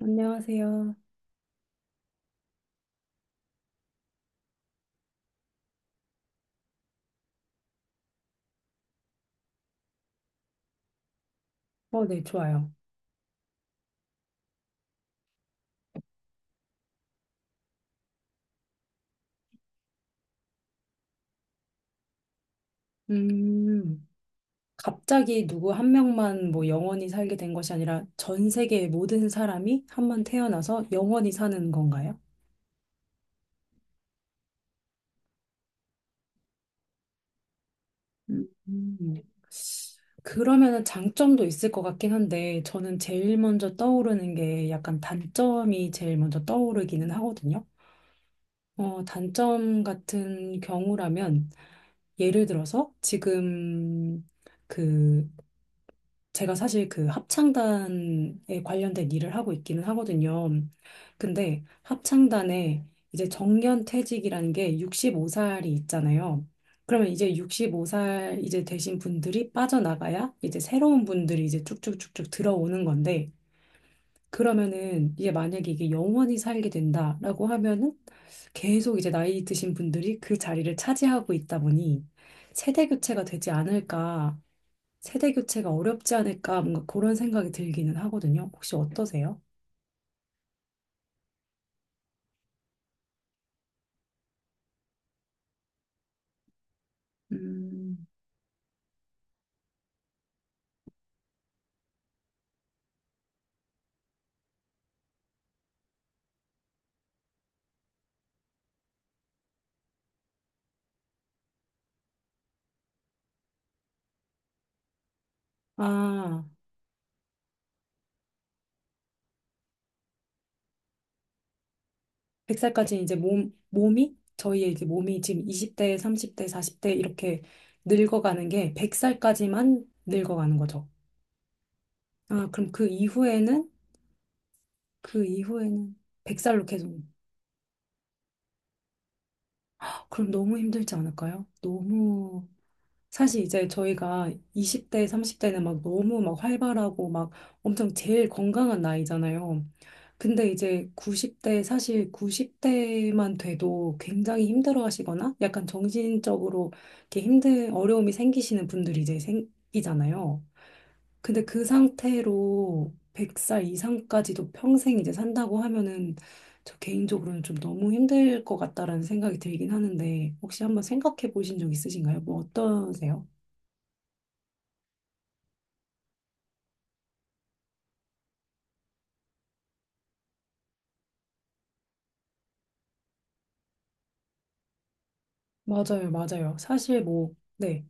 안녕하세요. 네, 좋아요. 음, 갑자기 누구 한 명만 뭐 영원히 살게 된 것이 아니라 전 세계의 모든 사람이 한번 태어나서 영원히 사는 건가요? 음, 음. 그러면은 장점도 있을 것 같긴 한데 저는 제일 먼저 떠오르는 게 약간 단점이 제일 먼저 떠오르기는 하거든요. 단점 같은 경우라면 예를 들어서 지금 그 제가 사실 그 합창단에 관련된 일을 하고 있기는 하거든요. 근데 합창단에 이제 정년퇴직이라는 게 65살이 있잖아요. 그러면 이제 65살 이제 되신 분들이 빠져나가야 이제 새로운 분들이 이제 쭉쭉쭉쭉 들어오는 건데 그러면은 이게 만약에 이게 영원히 살게 된다라고 하면은 계속 이제 나이 드신 분들이 그 자리를 차지하고 있다 보니 세대 교체가 되지 않을까 세대 교체가 어렵지 않을까 뭔가 그런 생각이 들기는 하거든요. 혹시 어떠세요? 음, 아, 100살까지 이제 몸이, 저희의 이제 몸이 지금 20대, 30대, 40대 이렇게 늙어가는 게 100살까지만 늙어가는 거죠. 아, 그럼 그 이후에는, 그 이후에는 100살로 계속, 그럼 너무 힘들지 않을까요? 너무 사실 이제 저희가 20대, 30대는 막 너무 막 활발하고 막 엄청 제일 건강한 나이잖아요. 근데 이제 90대, 사실 90대만 돼도 굉장히 힘들어 하시거나 약간 정신적으로 이렇게 힘든 어려움이 생기시는 분들이 이제 생기잖아요. 근데 그 상태로 100살 이상까지도 평생 이제 산다고 하면은 저 개인적으로는 좀 너무 힘들 것 같다라는 생각이 들긴 하는데 혹시 한번 생각해 보신 적 있으신가요? 뭐 어떠세요? 맞아요, 맞아요. 사실 뭐, 네.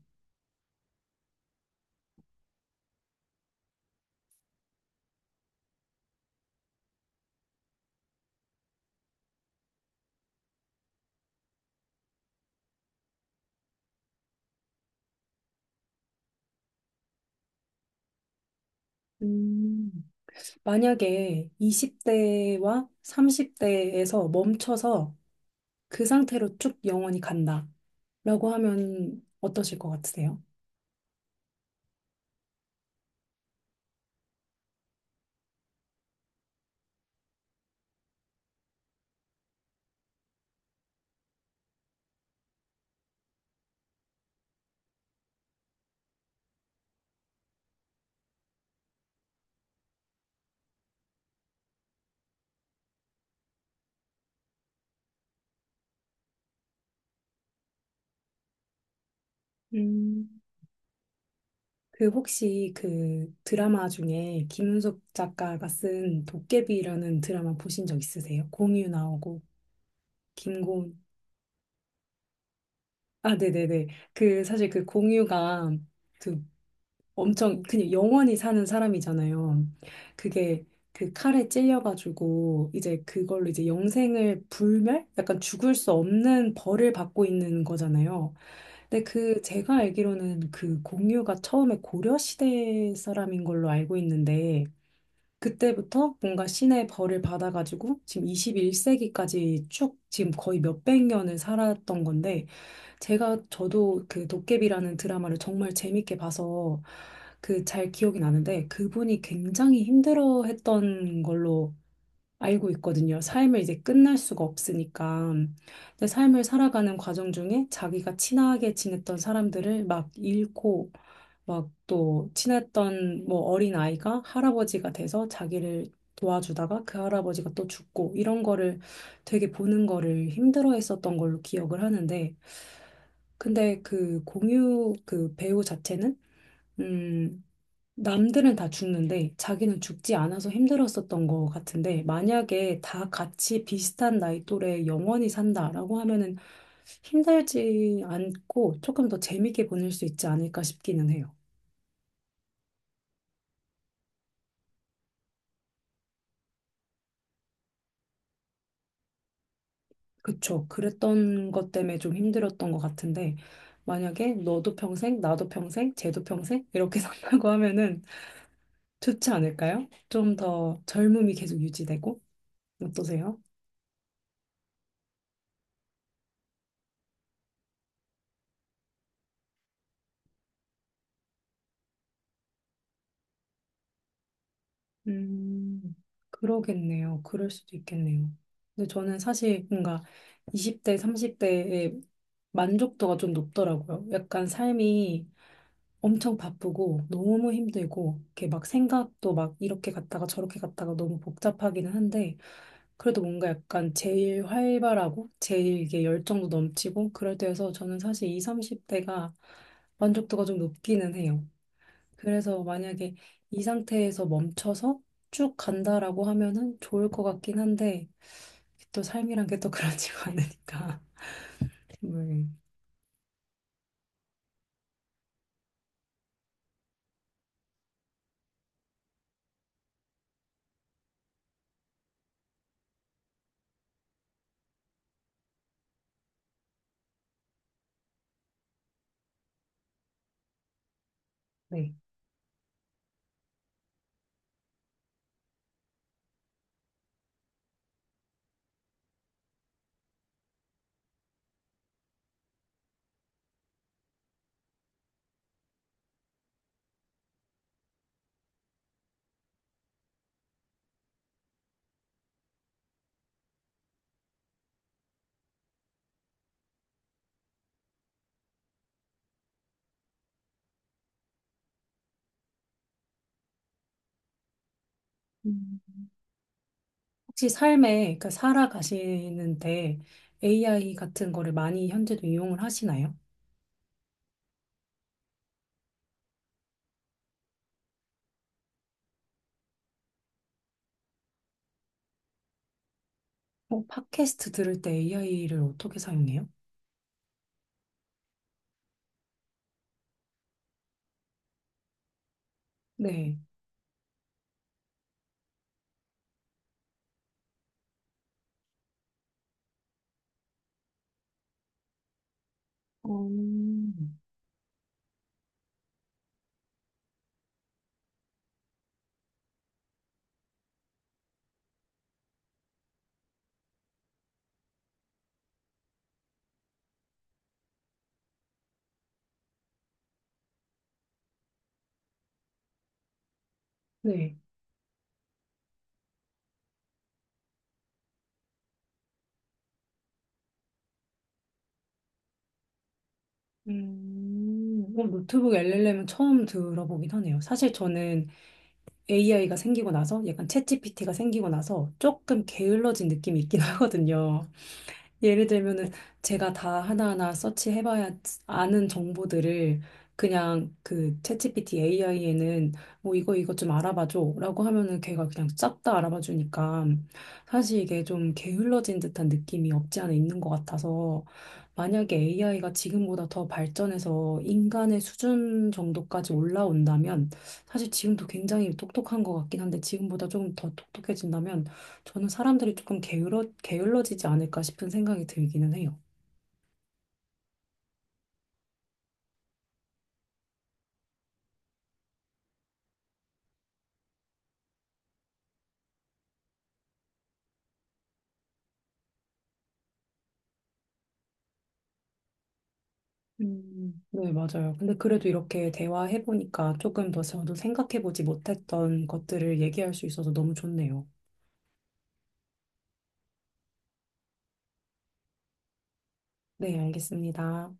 음, 만약에 20대와 30대에서 멈춰서 그 상태로 쭉 영원히 간다. 라고 하면 어떠실 것 같으세요? 음. 그 혹시 그 드라마 중에 김은숙 작가가 쓴 도깨비라는 드라마 보신 적 있으세요? 공유 나오고 김고은. 아, 네네네. 그 사실 그 공유가 그 엄청 그냥 영원히 사는 사람이잖아요. 그게 그 칼에 찔려가지고 이제 그걸로 이제 영생을 불멸? 약간 죽을 수 없는 벌을 받고 있는 거잖아요. 근데 그 제가 알기로는 그 공유가 처음에 고려시대 사람인 걸로 알고 있는데 그때부터 뭔가 신의 벌을 받아가지고 지금 21세기까지 쭉 지금 거의 몇백 년을 살았던 건데 제가 저도 그 도깨비라는 드라마를 정말 재밌게 봐서 그 잘 기억이 나는데 그분이 굉장히 힘들어했던 걸로 알고 있거든요. 삶을 이제 끝날 수가 없으니까. 근데 삶을 살아가는 과정 중에 자기가 친하게 지냈던 사람들을 막 잃고 막 또 친했던 뭐 어린 아이가 할아버지가 돼서 자기를 도와주다가 그 할아버지가 또 죽고 이런 거를 되게 보는 거를 힘들어 했었던 걸로 기억을 하는데 근데 그 공유 그 배우 자체는 음 남들은 다 죽는데 자기는 죽지 않아서 힘들었었던 것 같은데 만약에 다 같이 비슷한 나이 또래 영원히 산다라고 하면은 힘들지 않고 조금 더 재밌게 보낼 수 있지 않을까 싶기는 해요. 그쵸. 그랬던 것 때문에 좀 힘들었던 것 같은데 만약에 너도 평생, 나도 평생, 쟤도 평생 이렇게 산다고 하면은 좋지 않을까요? 좀 더 젊음이 계속 유지되고 어떠세요? 음, 그러겠네요. 그럴 수도 있겠네요. 근데 저는 사실 뭔가 20대, 30대의 만족도가 좀 높더라고요. 약간 삶이 엄청 바쁘고 너무 힘들고 이렇게 막 생각도 막 이렇게 갔다가 저렇게 갔다가 너무 복잡하기는 한데 그래도 뭔가 약간 제일 활발하고 제일 이게 열정도 넘치고 그럴 때여서 저는 사실 20, 30대가 만족도가 좀 높기는 해요. 그래서 만약에 이 상태에서 멈춰서 쭉 간다라고 하면은 좋을 것 같긴 한데 또 삶이란 게 또 그렇지가 않으니까. 음, 네. 음. 혹시 삶에 그러니까 살아가시는데 AI 같은 거를 많이 현재도 이용을 하시나요? 팟캐스트 들을 때 AI를 어떻게 사용해요? 네. 음. 네. 음. 노트북 LLM은 처음 들어보긴 하네요. 사실 저는 AI가 생기고 나서 약간 챗GPT가 생기고 나서 조금 게을러진 느낌이 있긴 하거든요. 예를 들면은 제가 다 하나하나 서치해봐야 아는 정보들을 그냥 그 챗GPT AI에는 뭐 이거 이거 좀 알아봐줘라고 하면은 걔가 그냥 싹 다 알아봐주니까 사실 이게 좀 게을러진 듯한 느낌이 없지 않아 있는 것 같아서 만약에 AI가 지금보다 더 발전해서 인간의 수준 정도까지 올라온다면 사실 지금도 굉장히 똑똑한 것 같긴 한데 지금보다 조금 더 똑똑해진다면 저는 사람들이 조금 게을러지지 않을까 싶은 생각이 들기는 해요. 네, 맞아요. 근데 그래도 이렇게 대화해보니까 조금 더 저도 생각해보지 못했던 것들을 얘기할 수 있어서 너무 좋네요. 네, 알겠습니다.